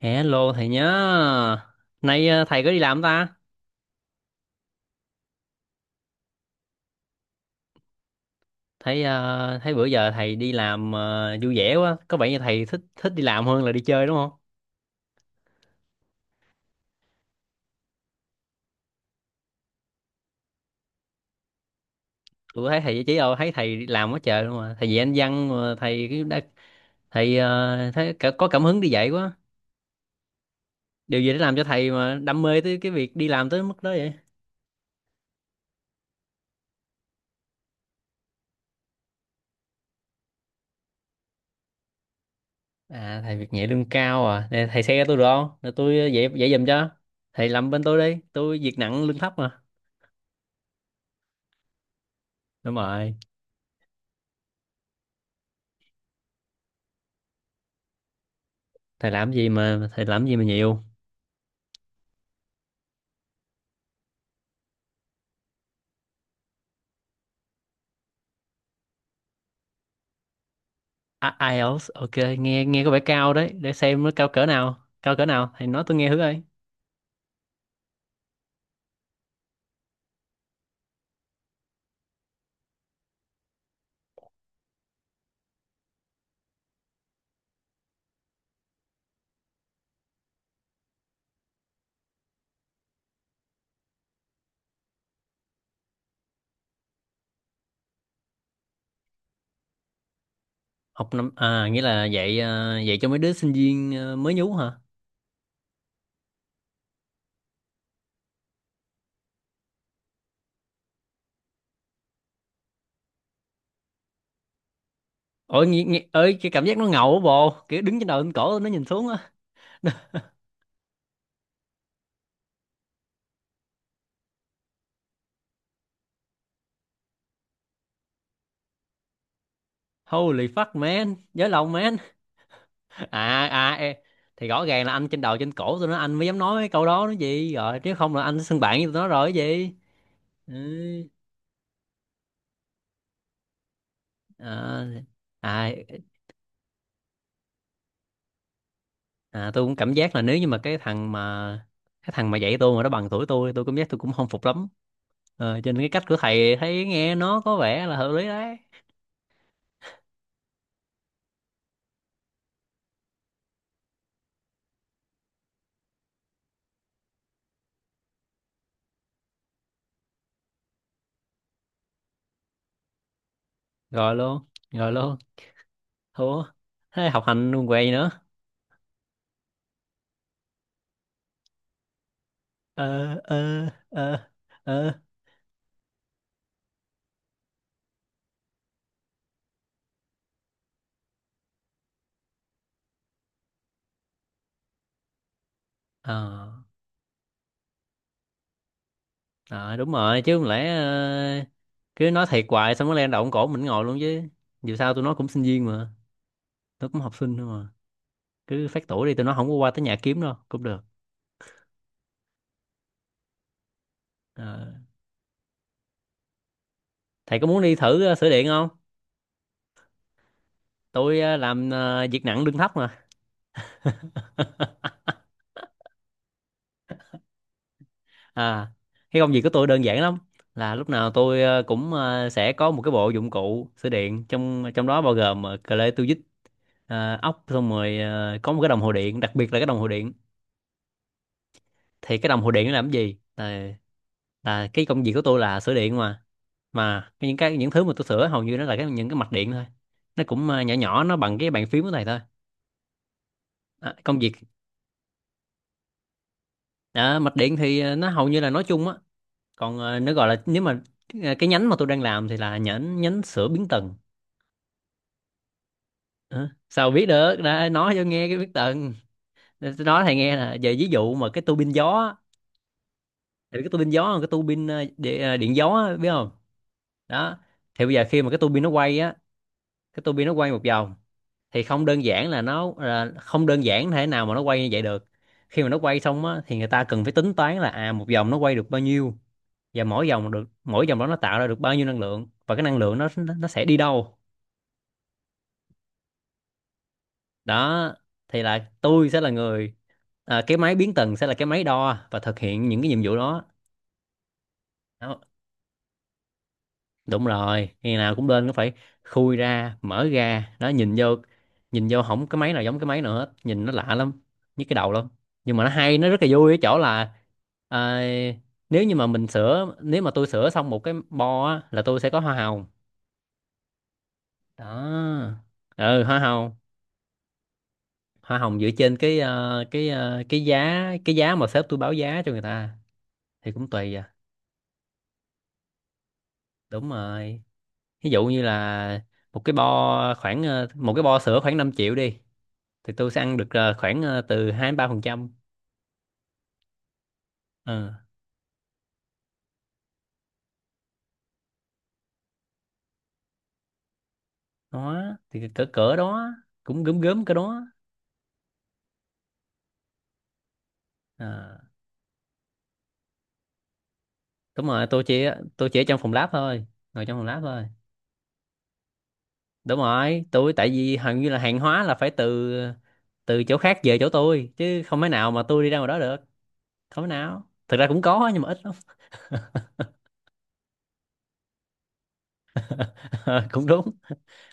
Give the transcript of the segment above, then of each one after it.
Hello thầy nhớ. Nay thầy có đi làm không ta? Thấy thấy bữa giờ thầy đi làm vui vẻ quá, có vẻ như thầy thích thích đi làm hơn là đi chơi đúng không? Tôi có thấy thầy chỉ đâu thấy thầy đi làm quá trời luôn mà. Thầy dạy anh văn mà thầy cái đã, thầy thấy có cảm hứng đi dạy quá. Điều gì đã làm cho thầy mà đam mê tới cái việc đi làm tới mức đó vậy? À thầy việc nhẹ lương cao à. Nè, thầy xe tôi được không? Để tôi dạy dạy giùm cho. Thầy làm bên tôi đi, tôi việc nặng lương thấp mà. Đúng rồi. Thầy làm gì mà nhiều. À, IELTS, ok, nghe nghe có vẻ cao đấy, để xem nó cao cỡ nào thì nói tôi nghe thử coi. Học năm à, nghĩa là dạy à, dạy cho mấy đứa sinh viên à, mới nhú hả? Ôi nghe, nghe ơi cái cảm giác nó ngầu á bồ, kiểu đứng trên đầu trên cổ nó nhìn xuống á. Holy fuck man, giới lòng man. À à ê, thì rõ ràng là anh trên đầu trên cổ tụi nó anh mới dám nói mấy câu đó nó gì rồi, chứ không là anh sẽ xưng bạn với tụi nó rồi cái gì. Ừ. À, à à, tôi cũng cảm giác là nếu như mà cái thằng mà dạy tôi mà nó bằng tuổi tôi cảm giác tôi cũng không phục lắm. Cho nên cái cách của thầy thấy nghe nó có vẻ là hợp lý đấy. Rồi luôn. Rồi luôn. Thua. Thế học hành luôn què gì nữa. ờ ờ ờ ờ ờ Ờ, đúng rồi chứ không lẽ cứ nói thiệt hoài xong nó lên động cổ mình ngồi luôn chứ. Dù sao tôi nói cũng sinh viên mà, tôi cũng học sinh thôi mà. Cứ phát tuổi đi, tôi nói không có qua tới nhà kiếm đâu cũng được. Ờ, thầy có muốn đi thử sửa điện không? Tôi làm việc nặng lương thấp mà. À, cái công việc của tôi đơn giản lắm, là lúc nào tôi cũng sẽ có một cái bộ dụng cụ sửa điện, trong trong đó bao gồm cờ lê, tua vít, ốc, xong rồi có một cái đồng hồ điện, đặc biệt là cái đồng hồ điện. Thì cái đồng hồ điện nó làm cái gì, là cái công việc của tôi là sửa điện mà những thứ mà tôi sửa hầu như nó là những cái mạch điện thôi. Nó cũng nhỏ nhỏ, nó bằng cái bàn phím của thầy thôi. À, công việc. À, mạch điện thì nó hầu như là nói chung á. Còn nó gọi là, nếu mà cái nhánh mà tôi đang làm thì là nhánh nhánh sữa biến tần. Hả? Sao biết được, đã nói cho nghe cái biến tần. Để tôi nói thầy nghe, là về ví dụ mà cái tua bin gió á, thì cái tua bin gió là cái tua bin điện, điện gió á, biết không. Đó, thì bây giờ khi mà cái tua bin nó quay á, cái tua bin nó quay một vòng, thì không đơn giản là nó là, không đơn giản thế nào mà nó quay như vậy được. Khi mà nó quay xong á thì người ta cần phải tính toán là à một vòng nó quay được bao nhiêu, và mỗi vòng được, mỗi vòng đó nó tạo ra được bao nhiêu năng lượng, và cái năng lượng nó sẽ đi đâu. Đó, thì là tôi sẽ là người, à, cái máy biến tần sẽ là cái máy đo và thực hiện những cái nhiệm vụ đó. Đó. Đúng rồi, ngày nào cũng lên nó phải khui ra mở ra đó, nhìn vô. Nhìn vô không cái máy nào giống cái máy nào hết, nhìn nó lạ lắm, nhức cái đầu lắm. Nhưng mà nó hay, nó rất là vui ở chỗ là à, nếu như mà mình sửa, nếu mà tôi sửa xong một cái bo á, là tôi sẽ có hoa hồng. Đó. Ừ, hoa hồng. Hoa hồng dựa trên cái giá mà sếp tôi báo giá cho người ta, thì cũng tùy à. Đúng rồi. Ví dụ như là một cái bo khoảng một cái bo sữa khoảng 5 triệu đi, thì tôi sẽ ăn được khoảng từ hai đến ba phần trăm. ờ Đó, thì cỡ cỡ đó, cũng gớm gớm cỡ đó. Ờ, đúng rồi, tôi chỉ ở trong phòng lab thôi, ngồi trong phòng lab thôi. Đúng rồi, tôi tại vì hầu như là hàng hóa là phải từ từ chỗ khác về chỗ tôi, chứ không thể nào mà tôi đi ra ngoài đó được. Không thể nào, thực ra cũng có nhưng mà ít lắm. Ờ, cũng đúng.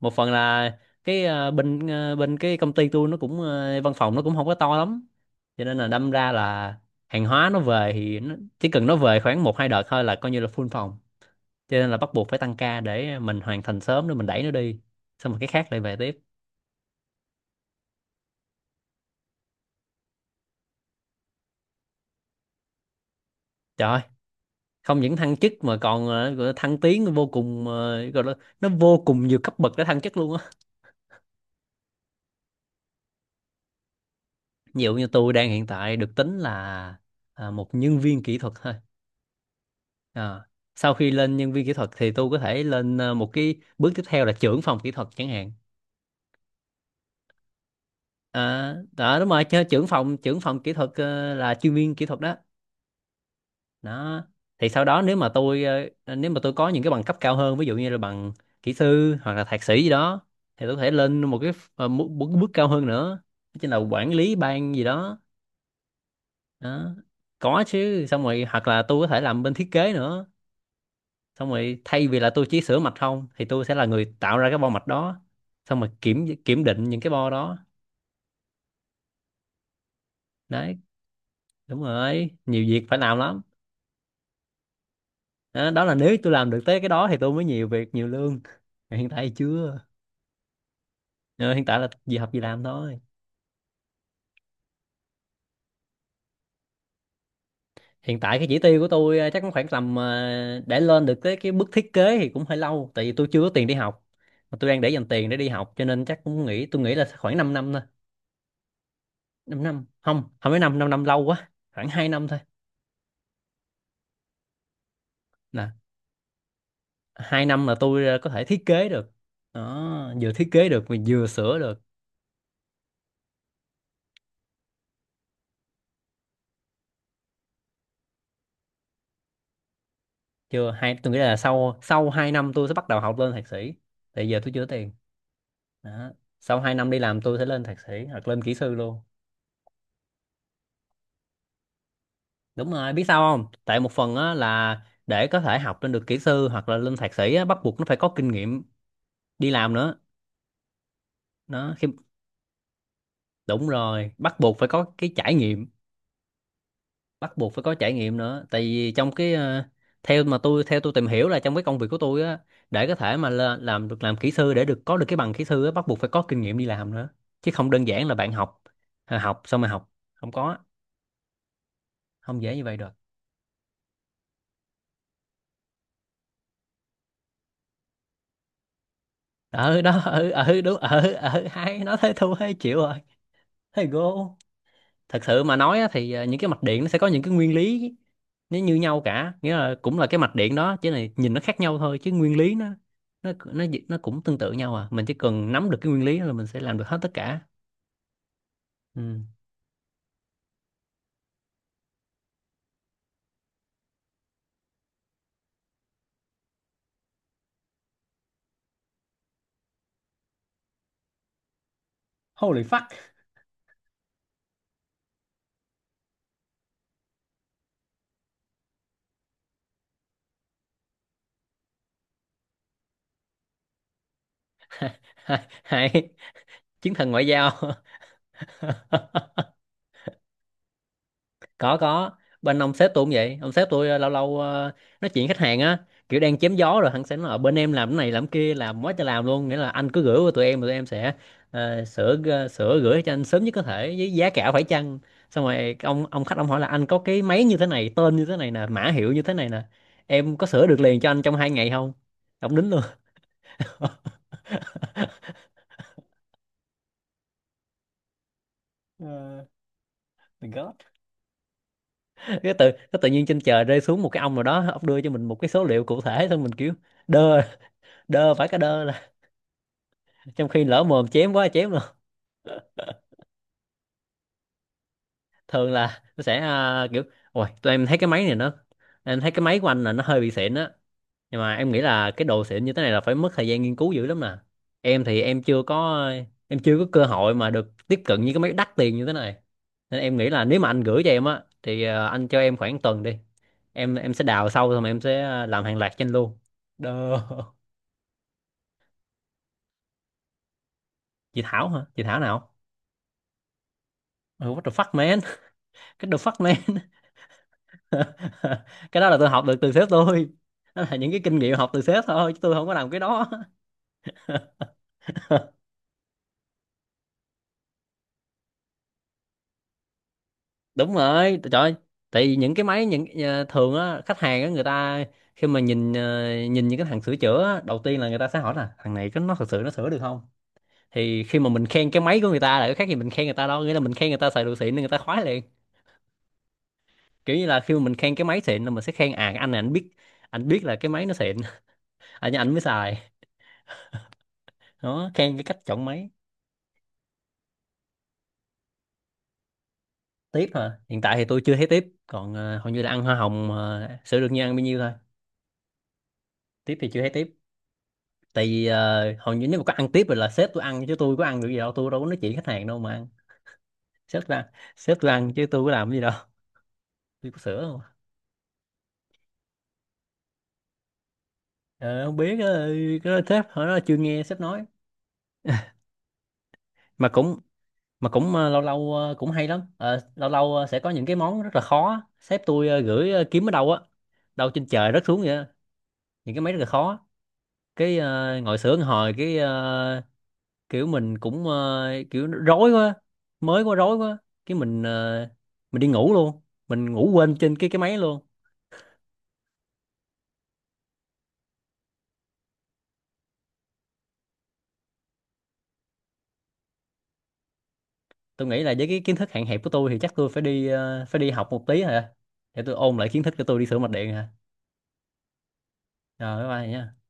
Một phần là cái ờ, bên cái công ty tôi nó cũng văn phòng nó cũng không có to lắm, cho nên là đâm ra là hàng hóa nó về thì nó, chỉ cần nó về khoảng một hai đợt thôi là coi như là full phòng, cho nên là bắt buộc phải tăng ca để mình hoàn thành sớm để mình đẩy nó đi, xong rồi cái khác lại về tiếp. Trời ơi, không những thăng chức mà còn gọi là thăng tiến vô cùng, ờ, gọi là nó vô cùng nhiều cấp bậc để thăng chức luôn á. Ví dụ như tôi đang hiện tại được tính là à, một nhân viên kỹ thuật thôi. Ờ. Sau khi lên nhân viên kỹ thuật thì tôi có thể lên một cái bước tiếp theo là trưởng phòng kỹ thuật chẳng hạn. À, đó đúng rồi, chứ trưởng phòng kỹ thuật là chuyên viên kỹ thuật đó. Đó. Thì sau đó, nếu mà tôi nếu mà tôi có những cái bằng cấp cao hơn, ví dụ như là bằng kỹ sư hoặc là thạc sĩ gì đó, thì tôi có thể lên một cái bước cao hơn nữa, đó chính là quản lý ban gì đó. Đó. Có chứ, xong rồi hoặc là tôi có thể làm bên thiết kế nữa. Xong rồi thay vì là tôi chỉ sửa mạch không thì tôi sẽ là người tạo ra cái bo mạch đó, xong rồi kiểm kiểm định những cái bo đó. Đấy, đúng rồi, nhiều việc phải làm lắm. Đó, đó là nếu tôi làm được tới cái đó thì tôi mới nhiều việc nhiều lương. Mà hiện tại thì chưa. Ờ, hiện tại là gì học gì làm thôi. Hiện tại cái chỉ tiêu của tôi chắc cũng khoảng tầm để lên được tới cái bước thiết kế thì cũng hơi lâu, tại vì tôi chưa có tiền đi học, mà tôi đang để dành tiền để đi học, cho nên chắc cũng nghĩ tôi nghĩ là khoảng 5 năm thôi. 5 năm không, không phải 5 năm, năm lâu quá, khoảng 2 năm thôi. Nè, hai năm là tôi có thể thiết kế được. Đó, vừa thiết kế được mà vừa sửa được. Chưa hai Tôi nghĩ là sau sau hai năm tôi sẽ bắt đầu học lên thạc sĩ, tại giờ tôi chưa có tiền. Đó. Sau hai năm đi làm tôi sẽ lên thạc sĩ hoặc lên kỹ sư luôn. Đúng rồi, biết sao không, tại một phần á là để có thể học lên được kỹ sư hoặc là lên thạc sĩ á, bắt buộc nó phải có kinh nghiệm đi làm nữa. Nó khi Đúng rồi, bắt buộc phải có cái trải nghiệm, bắt buộc phải có trải nghiệm nữa, tại vì trong cái theo tôi tìm hiểu là trong cái công việc của tôi á, để có thể mà làm được, làm kỹ sư để có được cái bằng kỹ sư á, bắt buộc phải có kinh nghiệm đi làm nữa, chứ không đơn giản là bạn học, à, học xong mà học không có, không dễ như vậy được. Ở đó ở ở đúng ở ở hai nó Thấy thua hay chịu rồi. Thầy go. Thật sự mà nói á, thì những cái mạch điện nó sẽ có những cái nguyên lý, nó như nhau cả, nghĩa là cũng là cái mạch điện đó chỉ là nhìn nó khác nhau thôi, chứ nguyên lý nó cũng tương tự nhau à. Mình chỉ cần nắm được cái nguyên lý là mình sẽ làm được hết tất cả. Ừ. Holy fuck. Hay. Hay. Chiến thần ngoại giao. Có, bên ông sếp tôi cũng vậy. Ông sếp tôi, lâu lâu, nói chuyện khách hàng á, kiểu đang chém gió rồi hắn sẽ nói ở bên em làm cái này làm kia làm quá trời làm luôn, nghĩa là anh cứ gửi qua tụi em, tụi em sẽ sửa, sửa gửi cho anh sớm nhất có thể với giá cả phải chăng. Xong rồi ông, khách ông hỏi là anh có cái máy như thế này, tên như thế này nè, mã hiệu như thế này nè, em có sửa được liền cho anh trong hai ngày không. Ông đính luôn. Ờ, the God. Cái tự nhiên trên trời rơi xuống một cái ông nào đó, ông đưa cho mình một cái số liệu cụ thể, xong mình kiểu đơ, đơ phải, cái đơ là trong khi lỡ mồm chém quá, chém luôn. Thường là nó sẽ à, kiểu ôi tụi em thấy cái máy này nó, em thấy cái máy của anh là nó hơi bị xịn á, nhưng mà em nghĩ là cái đồ xịn như thế này là phải mất thời gian nghiên cứu dữ lắm nè. Em thì em chưa có, em chưa có cơ hội mà được tiếp cận những cái máy đắt tiền như thế này, nên em nghĩ là nếu mà anh gửi cho em á thì à, anh cho em khoảng tuần đi, em sẽ đào sâu rồi mà em sẽ à, làm hàng loạt cho anh luôn. Đơ. Chị Thảo hả? Chị Thảo nào? Oh, what the fuck man. Cái the fuck man. Cái đó là tôi học được từ sếp tôi, đó là những cái kinh nghiệm học từ sếp thôi, chứ tôi không có làm cái đó. Đúng rồi, trời ơi, tại vì những cái máy, những thường á, khách hàng á, người ta khi mà nhìn, nhìn những cái thằng sửa chữa á, đầu tiên là người ta sẽ hỏi là thằng này có, nó thật sự nó sửa được không. Thì khi mà mình khen cái máy của người ta là cái khác gì mình khen người ta đâu, nghĩa là mình khen người ta xài đồ xịn nên người ta khoái liền. Kiểu như là khi mà mình khen cái máy xịn là mình sẽ khen à, cái anh này anh biết, anh biết là cái máy nó xịn. Anh mới xài. Đó, khen cái cách chọn máy. Tiếp hả? Hiện tại thì tôi chưa thấy tiếp, còn hầu như là ăn hoa hồng, sữa đương nhiên ăn bao nhiêu thôi. Tiếp thì chưa thấy tiếp, tại vì hầu như nếu mà có ăn tiếp rồi là sếp tôi ăn, chứ tôi có ăn được gì đâu, tôi đâu có nói chuyện khách hàng đâu mà ăn. Sếp tôi ăn, sếp tôi ăn chứ tôi có làm cái gì đâu. Tôi có sữa không? Ờ, không biết, cái đó sếp hỏi nó, chưa nghe sếp nói. mà cũng mà cũng lâu lâu, cũng hay lắm. Ờ, lâu lâu sẽ có những cái món rất là khó á. Sếp tôi gửi, kiếm ở đâu á, đâu trên trời rớt xuống vậy á. Những cái máy rất là khó, cái ngồi sướng hồi cái kiểu mình cũng kiểu rối quá, mới quá, rối quá, cái mình mình đi ngủ luôn, mình ngủ quên trên cái máy luôn. Tôi nghĩ là với cái kiến thức hạn hẹp của tôi thì chắc tôi phải đi, phải đi học một tí hả, để tôi ôn lại kiến thức cho tôi đi sửa mạch điện hả. Rồi bye bye nhá.